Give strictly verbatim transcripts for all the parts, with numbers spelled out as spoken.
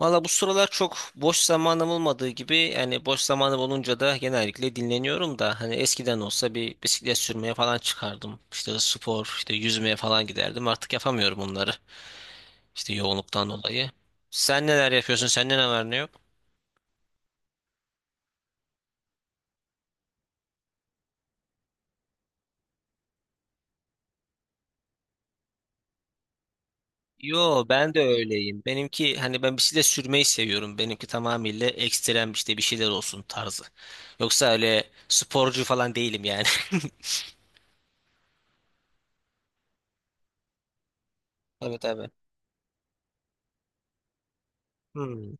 Valla bu sıralar çok boş zamanım olmadığı gibi yani boş zamanım olunca da genellikle dinleniyorum da hani eskiden olsa bir bisiklet sürmeye falan çıkardım. İşte spor, işte yüzmeye falan giderdim. Artık yapamıyorum bunları. İşte yoğunluktan dolayı. Sen neler yapıyorsun? Sende ne var ne yok? Yo ben de öyleyim. Benimki hani ben bisiklet sürmeyi seviyorum. Benimki tamamıyla ekstrem işte bir şeyler olsun tarzı. Yoksa öyle sporcu falan değilim yani. Tabii tabii. Hmm.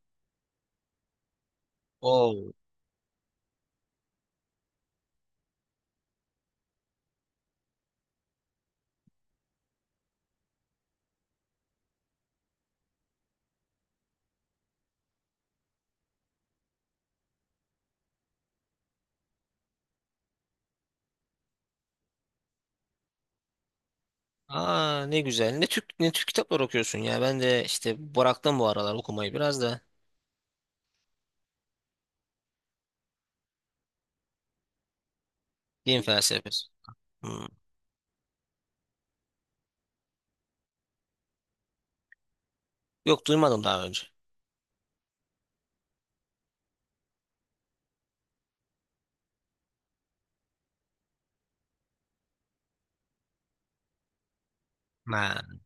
Oo. Aa ne güzel. Ne Türk ne Türk kitaplar okuyorsun ya. Ben de işte bıraktım bu aralar okumayı biraz da. Din felsefesi. Hmm. Yok duymadım daha önce. Ha.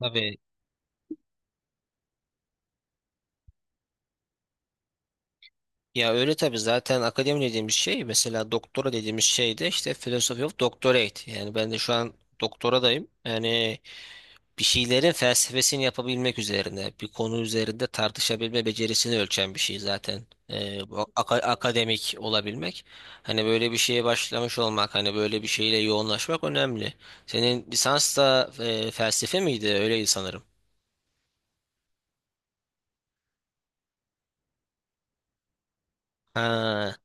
Tabii. Ya öyle tabii zaten akademi dediğimiz şey mesela doktora dediğimiz şey de işte philosophy of doctorate. Yani ben de şu an doktoradayım. Yani bir şeylerin felsefesini yapabilmek üzerine, bir konu üzerinde tartışabilme becerisini ölçen bir şey zaten. Ee, bu aka- akademik olabilmek. Hani böyle bir şeye başlamış olmak, hani böyle bir şeyle yoğunlaşmak önemli. Senin lisans da e, felsefe miydi? Öyleydi sanırım. Ha.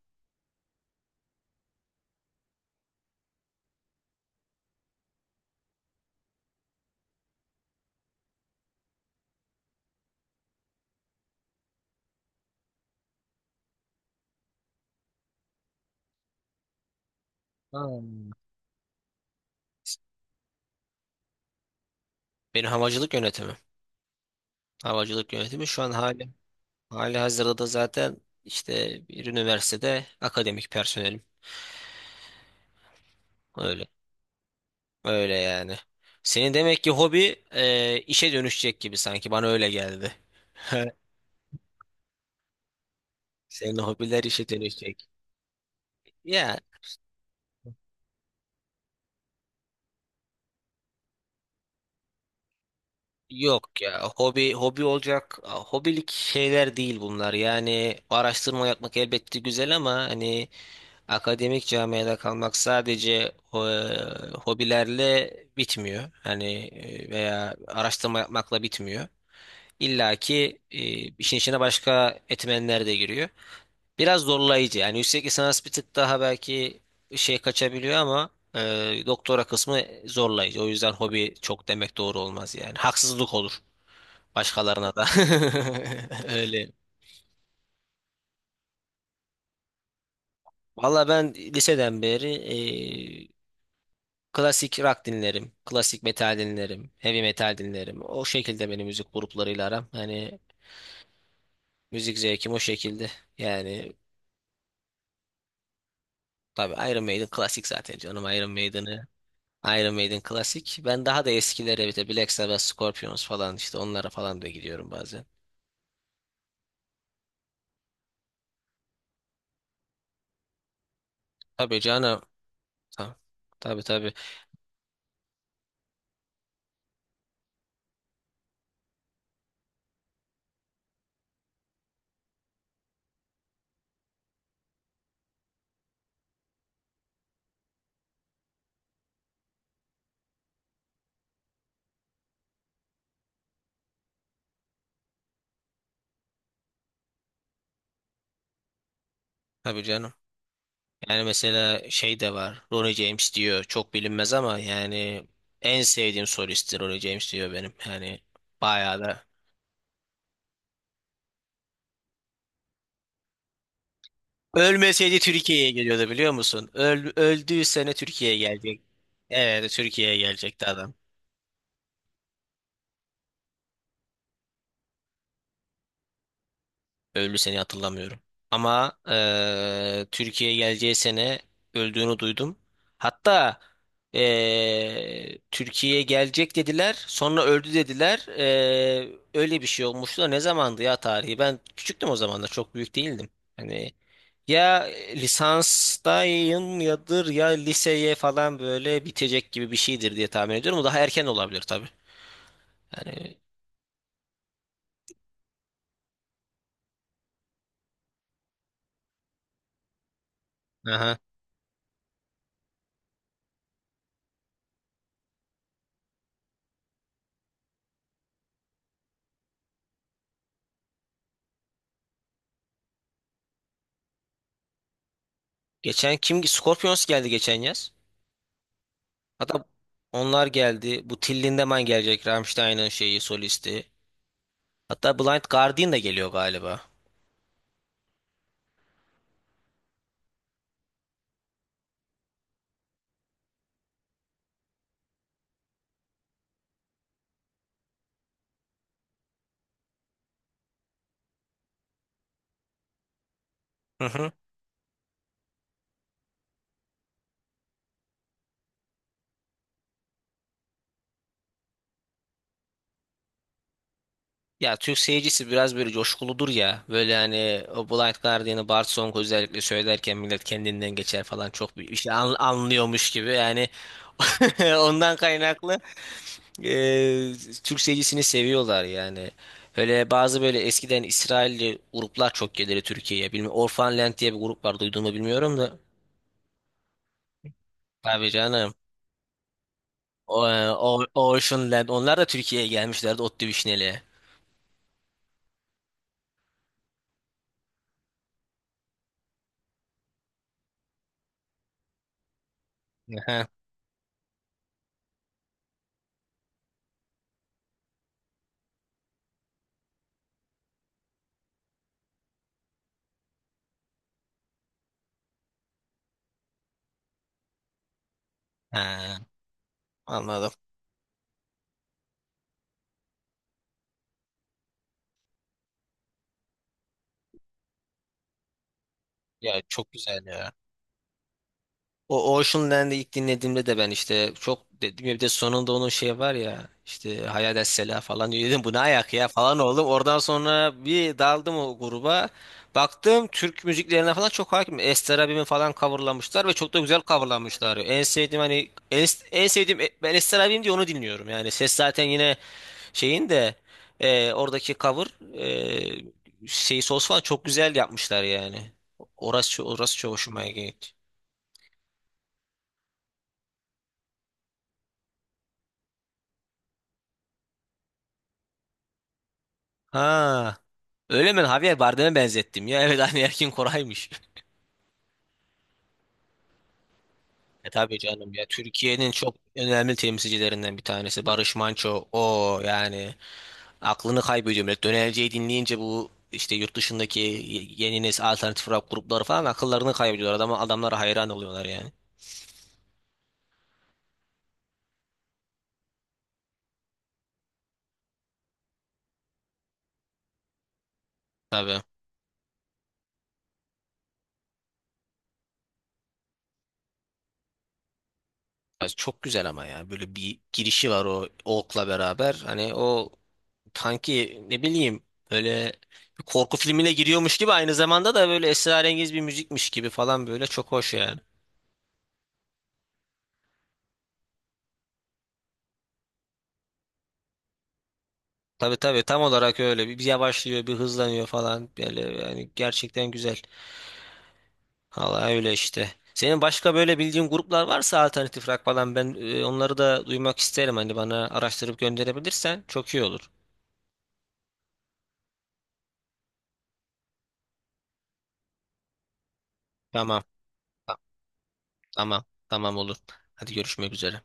Hmm. Benim havacılık yönetimi. Havacılık yönetimi şu an hali, hali hazırda da zaten işte bir üniversitede akademik personelim. Öyle. Öyle yani. Senin demek ki hobi e, işe dönüşecek gibi sanki bana öyle geldi. Senin hobiler işe dönüşecek. Ya yok ya hobi hobi olacak hobilik şeyler değil bunlar yani araştırma yapmak elbette güzel ama hani akademik camiada kalmak sadece e, hobilerle bitmiyor hani e, veya araştırma yapmakla bitmiyor. İlla ki e, işin içine başka etmenler de giriyor. Biraz zorlayıcı. Yani yüksek lisans bir tık daha belki şey kaçabiliyor ama e, doktora kısmı zorlayıcı. O yüzden hobi çok demek doğru olmaz yani. Haksızlık olur başkalarına da. Öyle. Valla ben liseden beri e, klasik rock dinlerim. Klasik metal dinlerim. Heavy metal dinlerim. O şekilde benim müzik gruplarıyla aram. Hani müzik zevkim o şekilde. Yani tabii Iron Maiden klasik zaten canım. Iron Maiden'ı Iron Maiden klasik. Ben daha da eskilere bir de Black Sabbath, Scorpions falan işte onlara falan da gidiyorum bazen. Tabii canım. Ta- Tabii tabii. Tabii canım. Yani mesela şey de var. Ronnie James diyor. Çok bilinmez ama yani en sevdiğim solisttir Ronnie James diyor benim. Yani bayağı da. Ölmeseydi Türkiye'ye geliyordu biliyor musun? Öl, öldüğü sene Türkiye'ye gelecek. Evet Türkiye'ye gelecekti adam. Öldü seni hatırlamıyorum. Ama eee Türkiye'ye geleceği sene öldüğünü duydum. Hatta eee, Türkiye'ye gelecek dediler. Sonra öldü dediler. Eee, öyle bir şey olmuştu da ne zamandı ya tarihi? Ben küçüktüm o zamanlar. Çok büyük değildim. Hani ya lisanstayım yadır ya liseye falan böyle bitecek gibi bir şeydir diye tahmin ediyorum. O daha erken olabilir tabii. Yani aha. Geçen kim? Scorpions geldi geçen yaz. Hatta onlar geldi. Bu Till Lindemann gelecek. Rammstein'ın şeyi solisti. Hatta Blind Guardian da geliyor galiba. Hı hı. Ya Türk seyircisi biraz böyle coşkuludur ya. Böyle hani o Blind Guardian'ı Bart Song özellikle söylerken millet kendinden geçer falan çok bir şey an- anlıyormuş gibi. Yani ondan kaynaklı e, Türk seyircisini seviyorlar yani. Öyle bazı böyle eskiden İsrailli gruplar çok gelirdi Türkiye'ye. Bilmiyorum Orphan Land diye bir grup var duydun mu bilmiyorum da. Tabii canım. O, e, o, Ocean Land. Onlar da Türkiye'ye gelmişlerdi Otlu Vişneli'ye. Aha. Ha, anladım. Ya çok güzel ya. O Ocean Land'i ilk dinlediğimde de ben işte çok dedim ya bir de sonunda onun şey var ya işte Hayal Sela falan diyor. Dedim bu ne ayak ya falan oldum. Oradan sonra bir daldım o gruba. Baktım Türk müziklerine falan çok hakim. Ester abimi falan coverlamışlar ve çok da güzel coverlamışlar. En sevdiğim hani en, en sevdiğim ben Ester abim diye onu dinliyorum. Yani ses zaten yine Şeyin de e, oradaki cover e, şey sos falan çok güzel yapmışlar yani. Orası orası çok hoşuma gitti. Ha. Öyle mi? Javier Bardem'e benzettim ya. Evet aynı Erkin Koray'mış. E tabii canım ya. Türkiye'nin çok önemli temsilcilerinden bir tanesi. Barış Manço. O yani aklını kaybediyor millet. Dönerceyi dinleyince bu işte yurt dışındaki yeni nesil alternatif rock grupları falan akıllarını kaybediyorlar. Adama, adamlara hayran oluyorlar yani. Tabii. Ya çok güzel ama ya böyle bir girişi var o Oak'la beraber hani o sanki ne bileyim böyle bir korku filmine giriyormuş gibi aynı zamanda da böyle esrarengiz bir müzikmiş gibi falan böyle çok hoş yani. Tabii tabii tam olarak öyle bir, bir yavaşlıyor bir hızlanıyor falan böyle yani gerçekten güzel. Vallahi öyle işte. Senin başka böyle bildiğin gruplar varsa alternatif rock falan ben e, onları da duymak isterim hani bana araştırıp gönderebilirsen çok iyi olur. Tamam tamam tamam Tamam, olur. Hadi görüşmek üzere.